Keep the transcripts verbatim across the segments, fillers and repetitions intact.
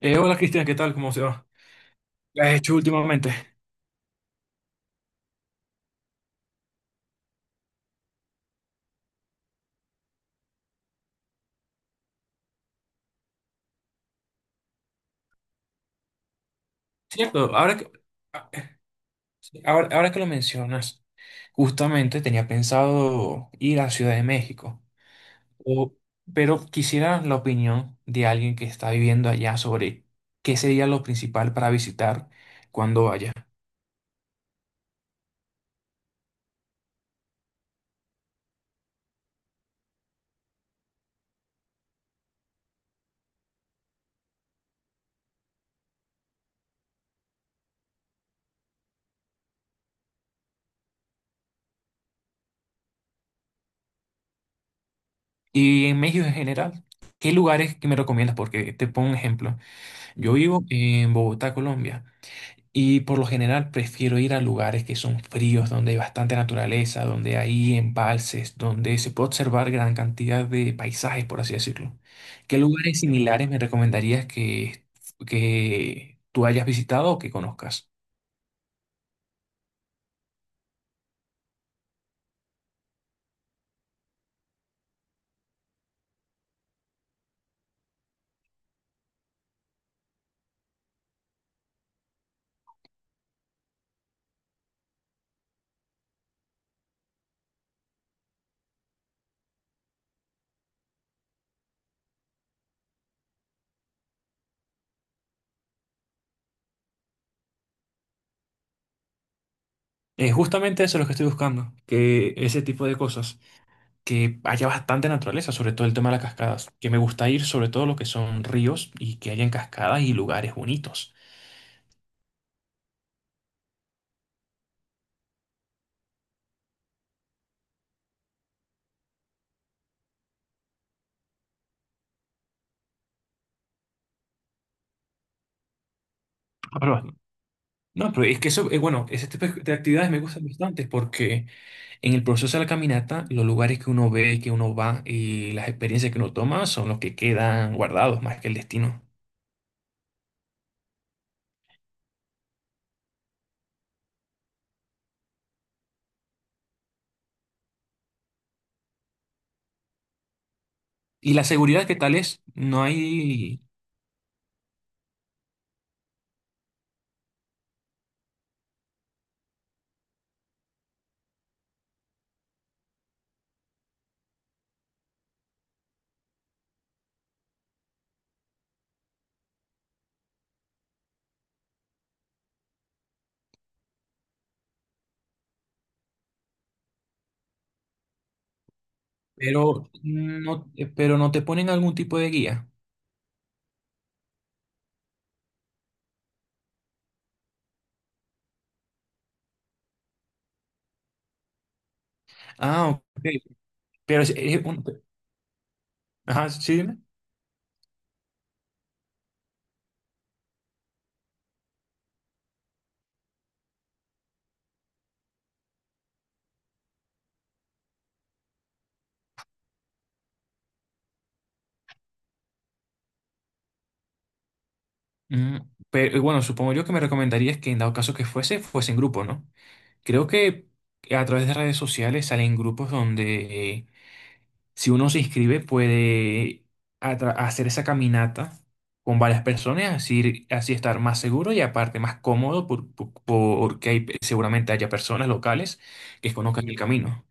Eh, hola Cristian, ¿qué tal? ¿Cómo se va? ¿Qué has hecho últimamente? Cierto, ahora que, ah, sí, ahora, ahora que lo mencionas, justamente tenía pensado ir a Ciudad de México, o- pero quisiera la opinión de alguien que está viviendo allá sobre qué sería lo principal para visitar cuando vaya. Y en México en general, ¿qué lugares que me recomiendas? Porque te pongo un ejemplo. Yo vivo en Bogotá, Colombia. Y por lo general prefiero ir a lugares que son fríos, donde hay bastante naturaleza, donde hay embalses, donde se puede observar gran cantidad de paisajes, por así decirlo. ¿Qué lugares similares me recomendarías que, que tú hayas visitado o que conozcas? Eh, justamente eso es lo que estoy buscando, que ese tipo de cosas, que haya bastante naturaleza, sobre todo el tema de las cascadas, que me gusta ir sobre todo lo que son ríos y que hayan cascadas y lugares bonitos. Ah, perdón. No, pero es que eso, eh, bueno, ese tipo de actividades me gustan bastante porque en el proceso de la caminata, los lugares que uno ve, que uno va y las experiencias que uno toma son los que quedan guardados más que el destino. Y la seguridad que tal es, no hay, pero no, eh, pero no te ponen algún tipo de guía. Ah, ok. Pero es, es un- ajá, sí, dime. Mm, pero eh, bueno, supongo yo que me recomendarías que en dado caso que fuese, fuese en grupo, ¿no? Creo que a través de redes sociales salen grupos donde si uno se inscribe, puede atra- hacer esa caminata con varias personas, así, así estar más seguro y aparte más cómodo por- por- porque hay, seguramente haya personas locales que conozcan el camino.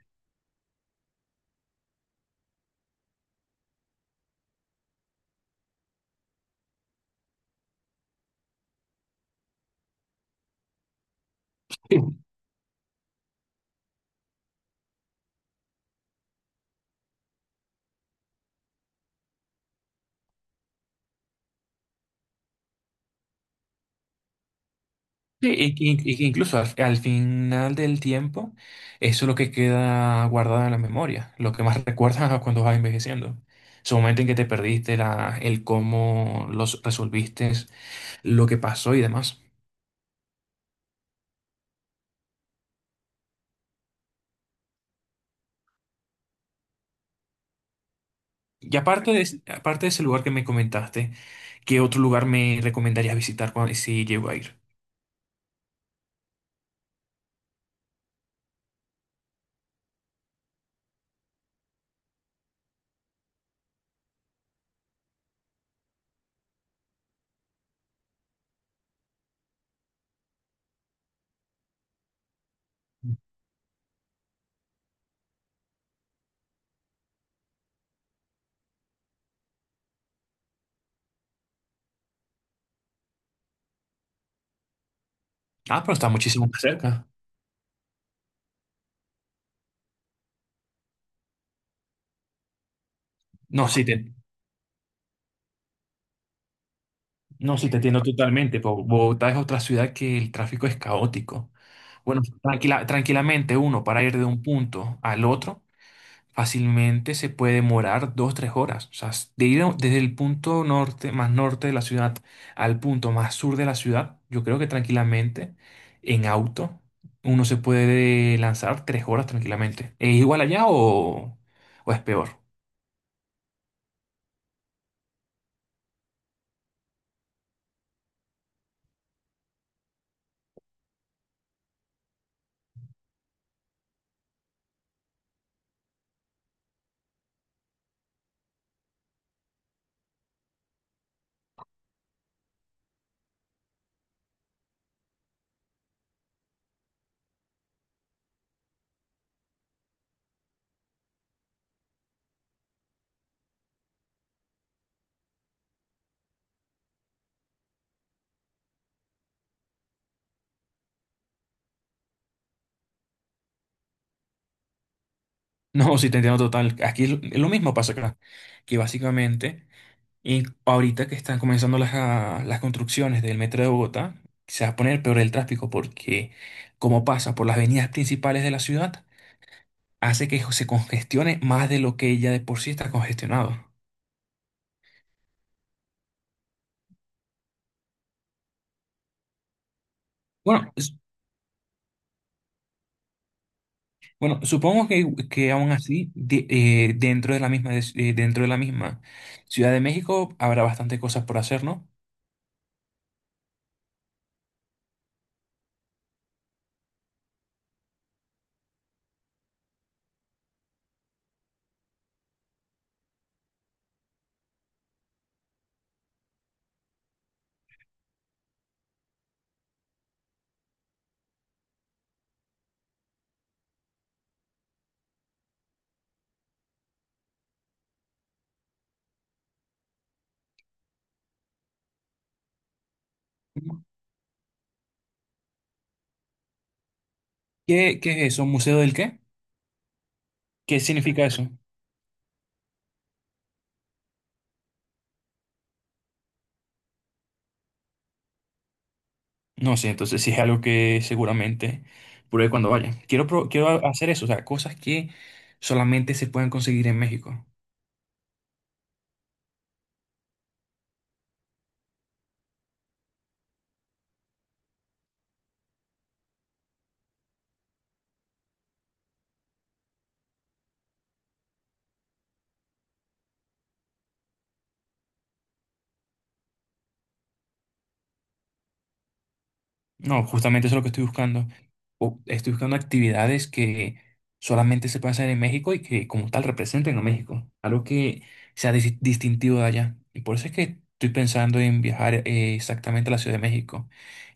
Sí, y, que y que incluso al, al final del tiempo, eso es lo que queda guardado en la memoria, lo que más recuerdas cuando vas envejeciendo. Su momento en que te perdiste, la, el cómo los resolviste, lo que pasó y demás. Y aparte de, es- aparte de ese lugar que me comentaste, ¿qué otro lugar me recomendarías visitar cuando, si llego a ir? Ah, pero está muchísimo más cerca. No, sí te, no, sí te entiendo totalmente. po- Bogotá es otra ciudad que el tráfico es caótico. Bueno, tranquila, tranquilamente uno para ir de un punto al otro. Fácilmente se puede demorar dos, tres horas. O sea, de ir a- desde el punto norte, más norte de la ciudad al punto más sur de la ciudad, yo creo que tranquilamente, en auto, uno se puede lanzar tres horas tranquilamente. ¿Es igual allá o, o es peor? No, si te entiendo total. Aquí es lo es lo mismo pasa acá. Que básicamente, y ahorita que están comenzando las, ah, las construcciones del metro de Bogotá, se va a poner peor el tráfico porque como pasa por las avenidas principales de la ciudad, hace que se congestione más de lo que ya de por sí está congestionado. Bueno, s- bueno, supongo que, que aún así, de- eh, dentro de la misma, des- eh, dentro de la misma Ciudad de México habrá bastante cosas por hacer, ¿no? ¿Qué, qué es eso? ¿Museo del qué? ¿Qué significa eso? No sé, entonces sí es algo que seguramente pruebe cuando vaya. Quiero, pro- quiero hacer eso, o sea, cosas que solamente se pueden conseguir en México. No, justamente eso es lo que estoy buscando. Bu- Estoy buscando actividades que solamente se pueden hacer en México y que como tal representen a México. Algo que sea dis- distintivo de allá. Y por eso es que estoy pensando en viajar eh, exactamente a la Ciudad de México,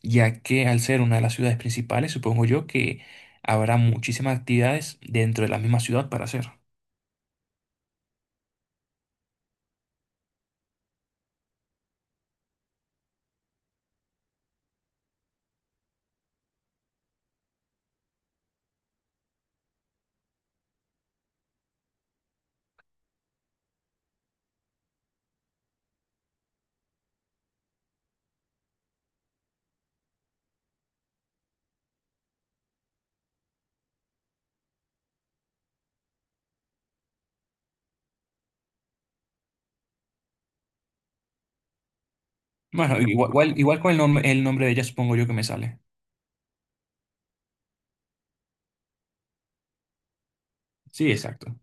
ya que al ser una de las ciudades principales, supongo yo que habrá muchísimas actividades dentro de la misma ciudad para hacer. Bueno, igual, igual, igual con el nombre, el nombre de ella supongo yo que me sale. Sí, exacto.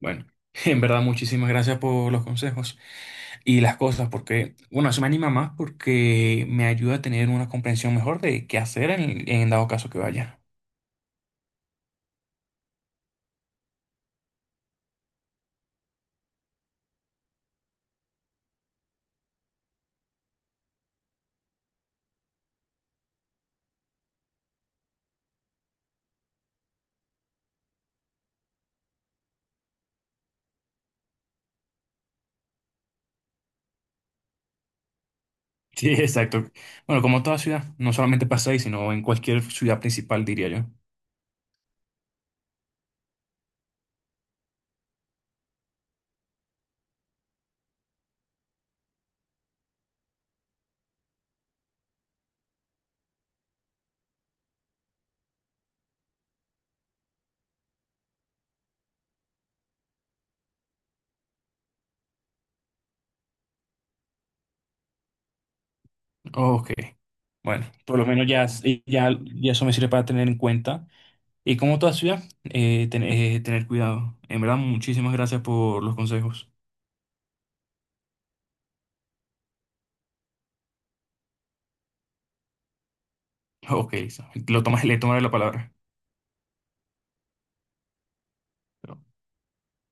Bueno, en verdad muchísimas gracias por los consejos y las cosas, porque, bueno, eso me anima más porque me ayuda a tener una comprensión mejor de qué hacer en, en dado caso que vaya. Sí, exacto. Bueno, como toda ciudad, no solamente pasa ahí, sino en cualquier ciudad principal, diría yo. Ok. Bueno, por lo menos ya, ya, ya eso me sirve para tener en cuenta. Y como toda ciudad, eh, ten- eh, tener cuidado. En verdad, muchísimas gracias por los consejos. Ok, Lisa, lo tomas, le tomaré la palabra.